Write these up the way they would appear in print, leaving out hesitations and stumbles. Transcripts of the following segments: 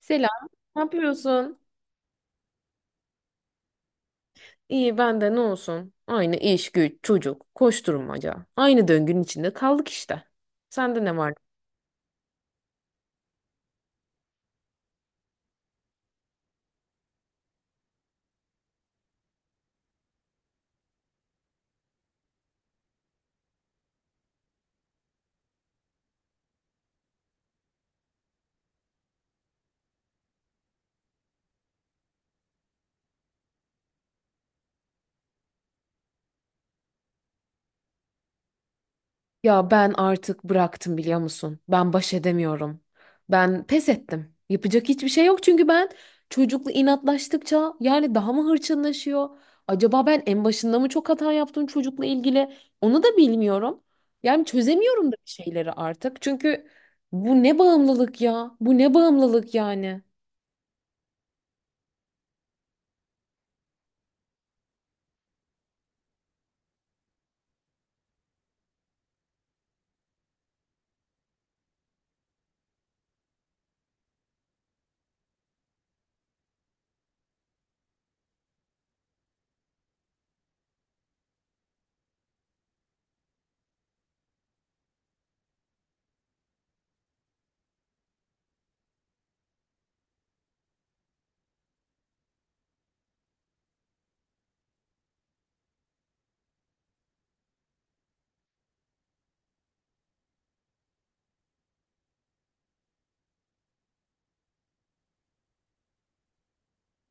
Selam. Ne yapıyorsun? İyi ben de ne olsun? Aynı iş, güç, çocuk, koşturmaca. Aynı döngünün içinde kaldık işte. Sende ne var? Ya ben artık bıraktım biliyor musun? Ben baş edemiyorum. Ben pes ettim. Yapacak hiçbir şey yok çünkü ben çocukla inatlaştıkça yani daha mı hırçınlaşıyor? Acaba ben en başında mı çok hata yaptım çocukla ilgili? Onu da bilmiyorum. Yani çözemiyorum da bir şeyleri artık. Çünkü bu ne bağımlılık ya? Bu ne bağımlılık yani?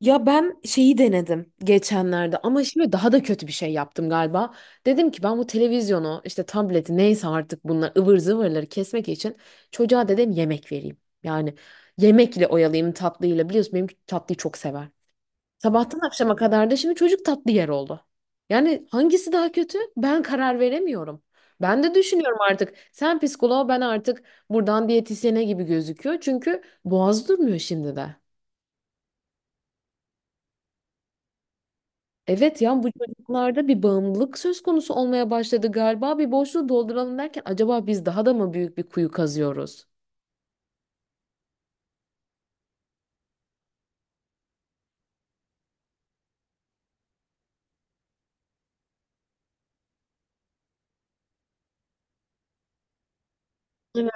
Ya ben şeyi denedim geçenlerde ama şimdi daha da kötü bir şey yaptım galiba. Dedim ki ben bu televizyonu işte tableti neyse artık bunlar ıvır zıvırları kesmek için çocuğa dedim yemek vereyim. Yani yemekle oyalayayım tatlıyla biliyorsun benim tatlıyı çok sever. Sabahtan akşama kadar da şimdi çocuk tatlı yer oldu. Yani hangisi daha kötü ben karar veremiyorum. Ben de düşünüyorum artık sen psikoloğa ben artık buradan diyetisyene gibi gözüküyor çünkü boğaz durmuyor şimdi de. Evet ya bu çocuklarda bir bağımlılık söz konusu olmaya başladı galiba. Bir boşluğu dolduralım derken acaba biz daha da mı büyük bir kuyu kazıyoruz? Evet.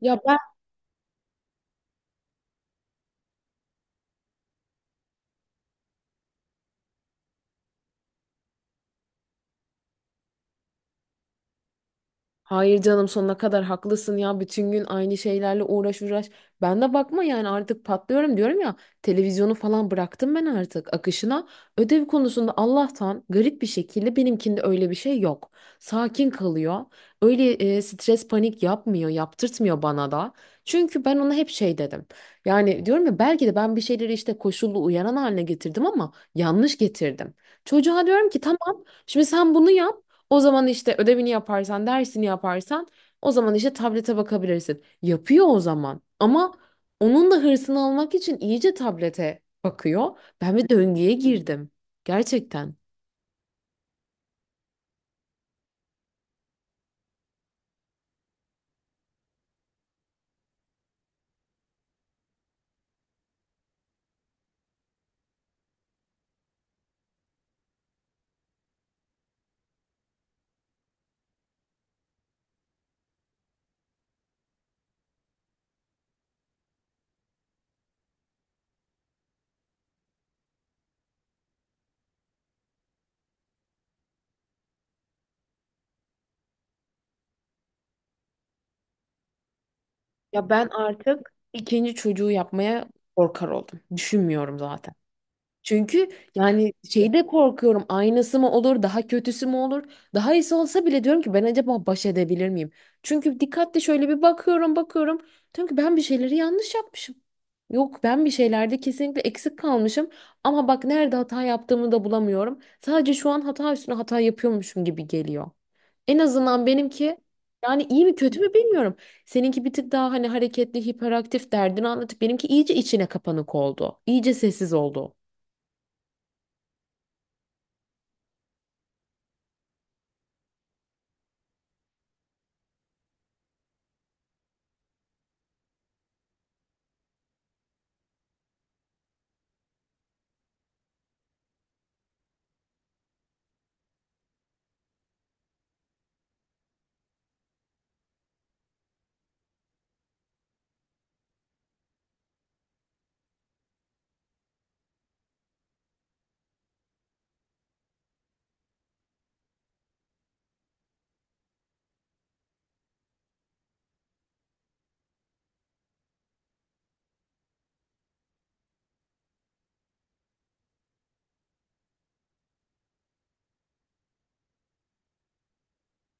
Ya hayır, canım, sonuna kadar haklısın ya bütün gün aynı şeylerle uğraş uğraş. Ben de bakma yani artık patlıyorum diyorum ya televizyonu falan bıraktım ben artık akışına. Ödev konusunda Allah'tan garip bir şekilde benimkinde öyle bir şey yok. Sakin kalıyor. Öyle stres panik yapmıyor yaptırtmıyor bana da. Çünkü ben ona hep şey dedim. Yani diyorum ya belki de ben bir şeyleri işte koşullu uyaran haline getirdim ama yanlış getirdim. Çocuğa diyorum ki tamam şimdi sen bunu yap. O zaman işte ödevini yaparsan, dersini yaparsan o zaman işte tablete bakabilirsin. Yapıyor o zaman. Ama onun da hırsını almak için iyice tablete bakıyor. Ben bir döngüye girdim. Gerçekten. Ya ben artık ikinci çocuğu yapmaya korkar oldum. Düşünmüyorum zaten. Çünkü yani şeyde korkuyorum aynısı mı olur daha kötüsü mü olur daha iyisi olsa bile diyorum ki ben acaba baş edebilir miyim? Çünkü dikkatli şöyle bir bakıyorum diyorum ki ben bir şeyleri yanlış yapmışım. Yok ben bir şeylerde kesinlikle eksik kalmışım ama bak nerede hata yaptığımı da bulamıyorum. Sadece şu an hata üstüne hata yapıyormuşum gibi geliyor. En azından benimki yani iyi mi kötü mü bilmiyorum. Seninki bir tık daha hani hareketli, hiperaktif derdini anlatıp benimki iyice içine kapanık oldu. İyice sessiz oldu.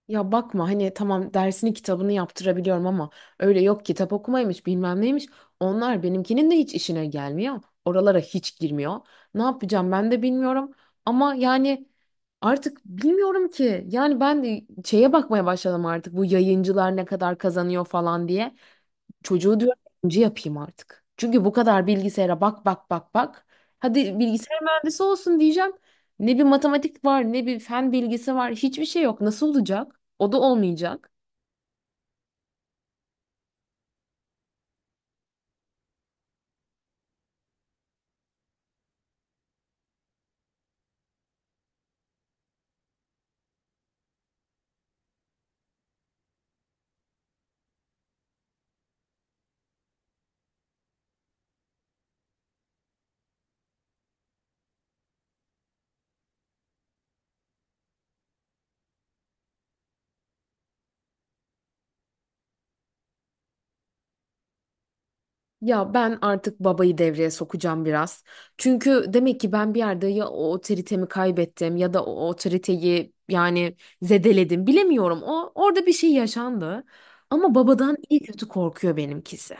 Ya bakma hani tamam dersini kitabını yaptırabiliyorum ama öyle yok kitap okumaymış bilmem neymiş. Onlar benimkinin de hiç işine gelmiyor. Oralara hiç girmiyor. Ne yapacağım ben de bilmiyorum. Ama yani artık bilmiyorum ki. Yani ben de şeye bakmaya başladım artık bu yayıncılar ne kadar kazanıyor falan diye. Çocuğu diyorum önce yapayım artık. Çünkü bu kadar bilgisayara bak bak bak bak. Hadi bilgisayar mühendisi olsun diyeceğim. Ne bir matematik var, ne bir fen bilgisi var, hiçbir şey yok. Nasıl olacak? O da olmayacak. Ya ben artık babayı devreye sokacağım biraz. Çünkü demek ki ben bir yerde ya o otoritemi kaybettim ya da o otoriteyi yani zedeledim. Bilemiyorum. O orada bir şey yaşandı. Ama babadan iyi kötü korkuyor benimkisi.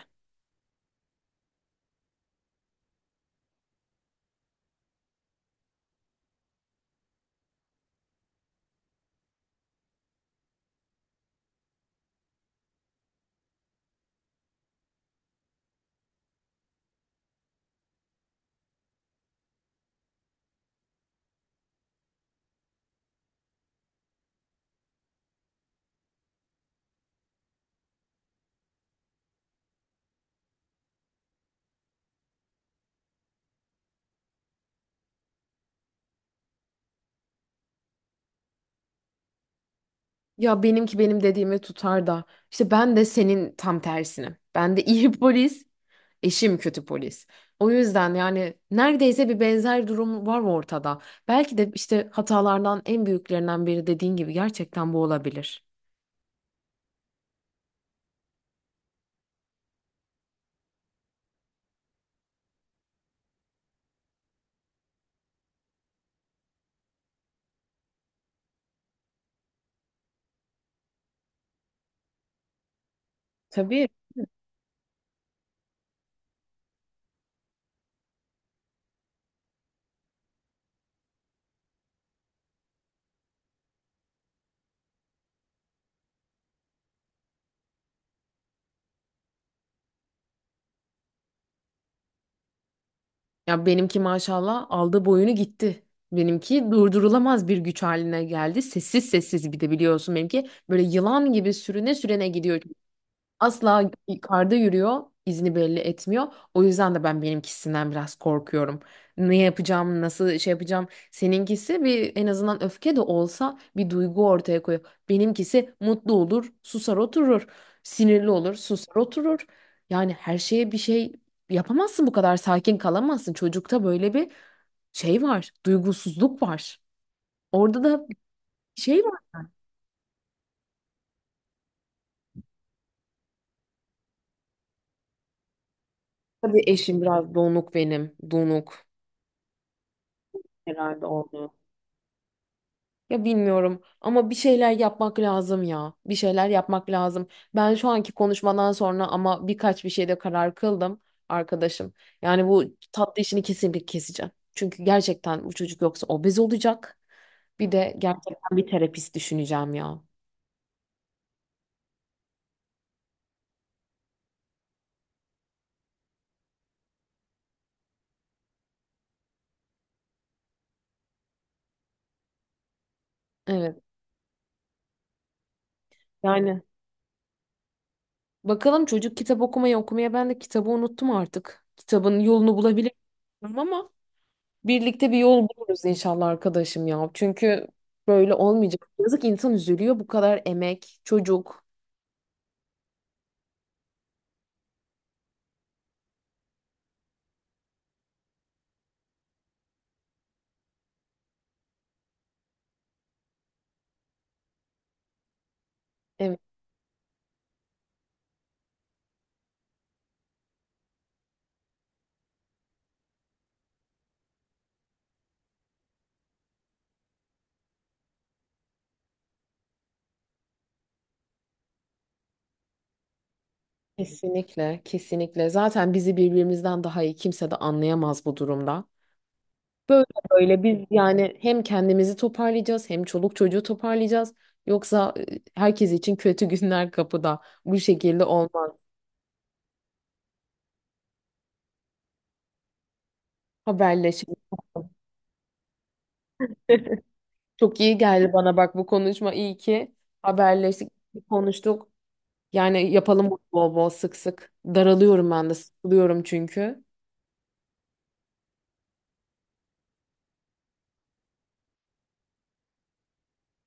Ya benimki benim dediğimi tutar da işte ben de senin tam tersini. Ben de iyi polis. Eşim kötü polis. O yüzden yani neredeyse bir benzer durum var ortada. Belki de işte hatalardan en büyüklerinden biri dediğin gibi gerçekten bu olabilir. Tabii. Ya benimki maşallah aldı boyunu gitti. Benimki durdurulamaz bir güç haline geldi. Sessiz sessiz bir de biliyorsun benimki böyle yılan gibi sürüne sürene gidiyor. Asla yukarıda yürüyor, izini belli etmiyor. O yüzden de ben benimkisinden biraz korkuyorum. Ne yapacağım, nasıl şey yapacağım? Seninkisi bir en azından öfke de olsa bir duygu ortaya koyuyor. Benimkisi mutlu olur, susar oturur. Sinirli olur, susar oturur. Yani her şeye bir şey yapamazsın bu kadar sakin kalamazsın. Çocukta böyle bir şey var, duygusuzluk var. Orada da şey var, tabii eşim biraz donuk, benim donuk herhalde oldu. Ya bilmiyorum ama bir şeyler yapmak lazım ya. Bir şeyler yapmak lazım. Ben şu anki konuşmadan sonra ama birkaç bir şeyde karar kıldım arkadaşım. Yani bu tatlı işini kesinlikle keseceğim. Çünkü gerçekten bu çocuk yoksa obez olacak. Bir de gerçekten bir terapist düşüneceğim ya. Evet. Yani bakalım çocuk kitap okumayı okumaya ben de kitabı unuttum artık. Kitabın yolunu bulabilir miyim ama birlikte bir yol buluruz inşallah arkadaşım ya. Çünkü böyle olmayacak. Yazık insan üzülüyor bu kadar emek, çocuk. Evet, kesinlikle, kesinlikle. Zaten bizi birbirimizden daha iyi kimse de anlayamaz bu durumda. Böyle böyle biz yani hem kendimizi toparlayacağız hem çoluk çocuğu toparlayacağız. Yoksa herkes için kötü günler kapıda. Bu şekilde olmaz. Haberleşelim. Çok iyi geldi bana bak bu konuşma. İyi ki haberleştik, konuştuk. Yani yapalım bunu bol bol sık sık. Daralıyorum ben de, sıkılıyorum çünkü.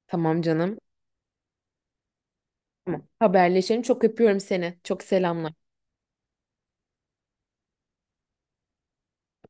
Tamam canım. Tamam. Haberleşelim. Çok öpüyorum seni. Çok selamlar.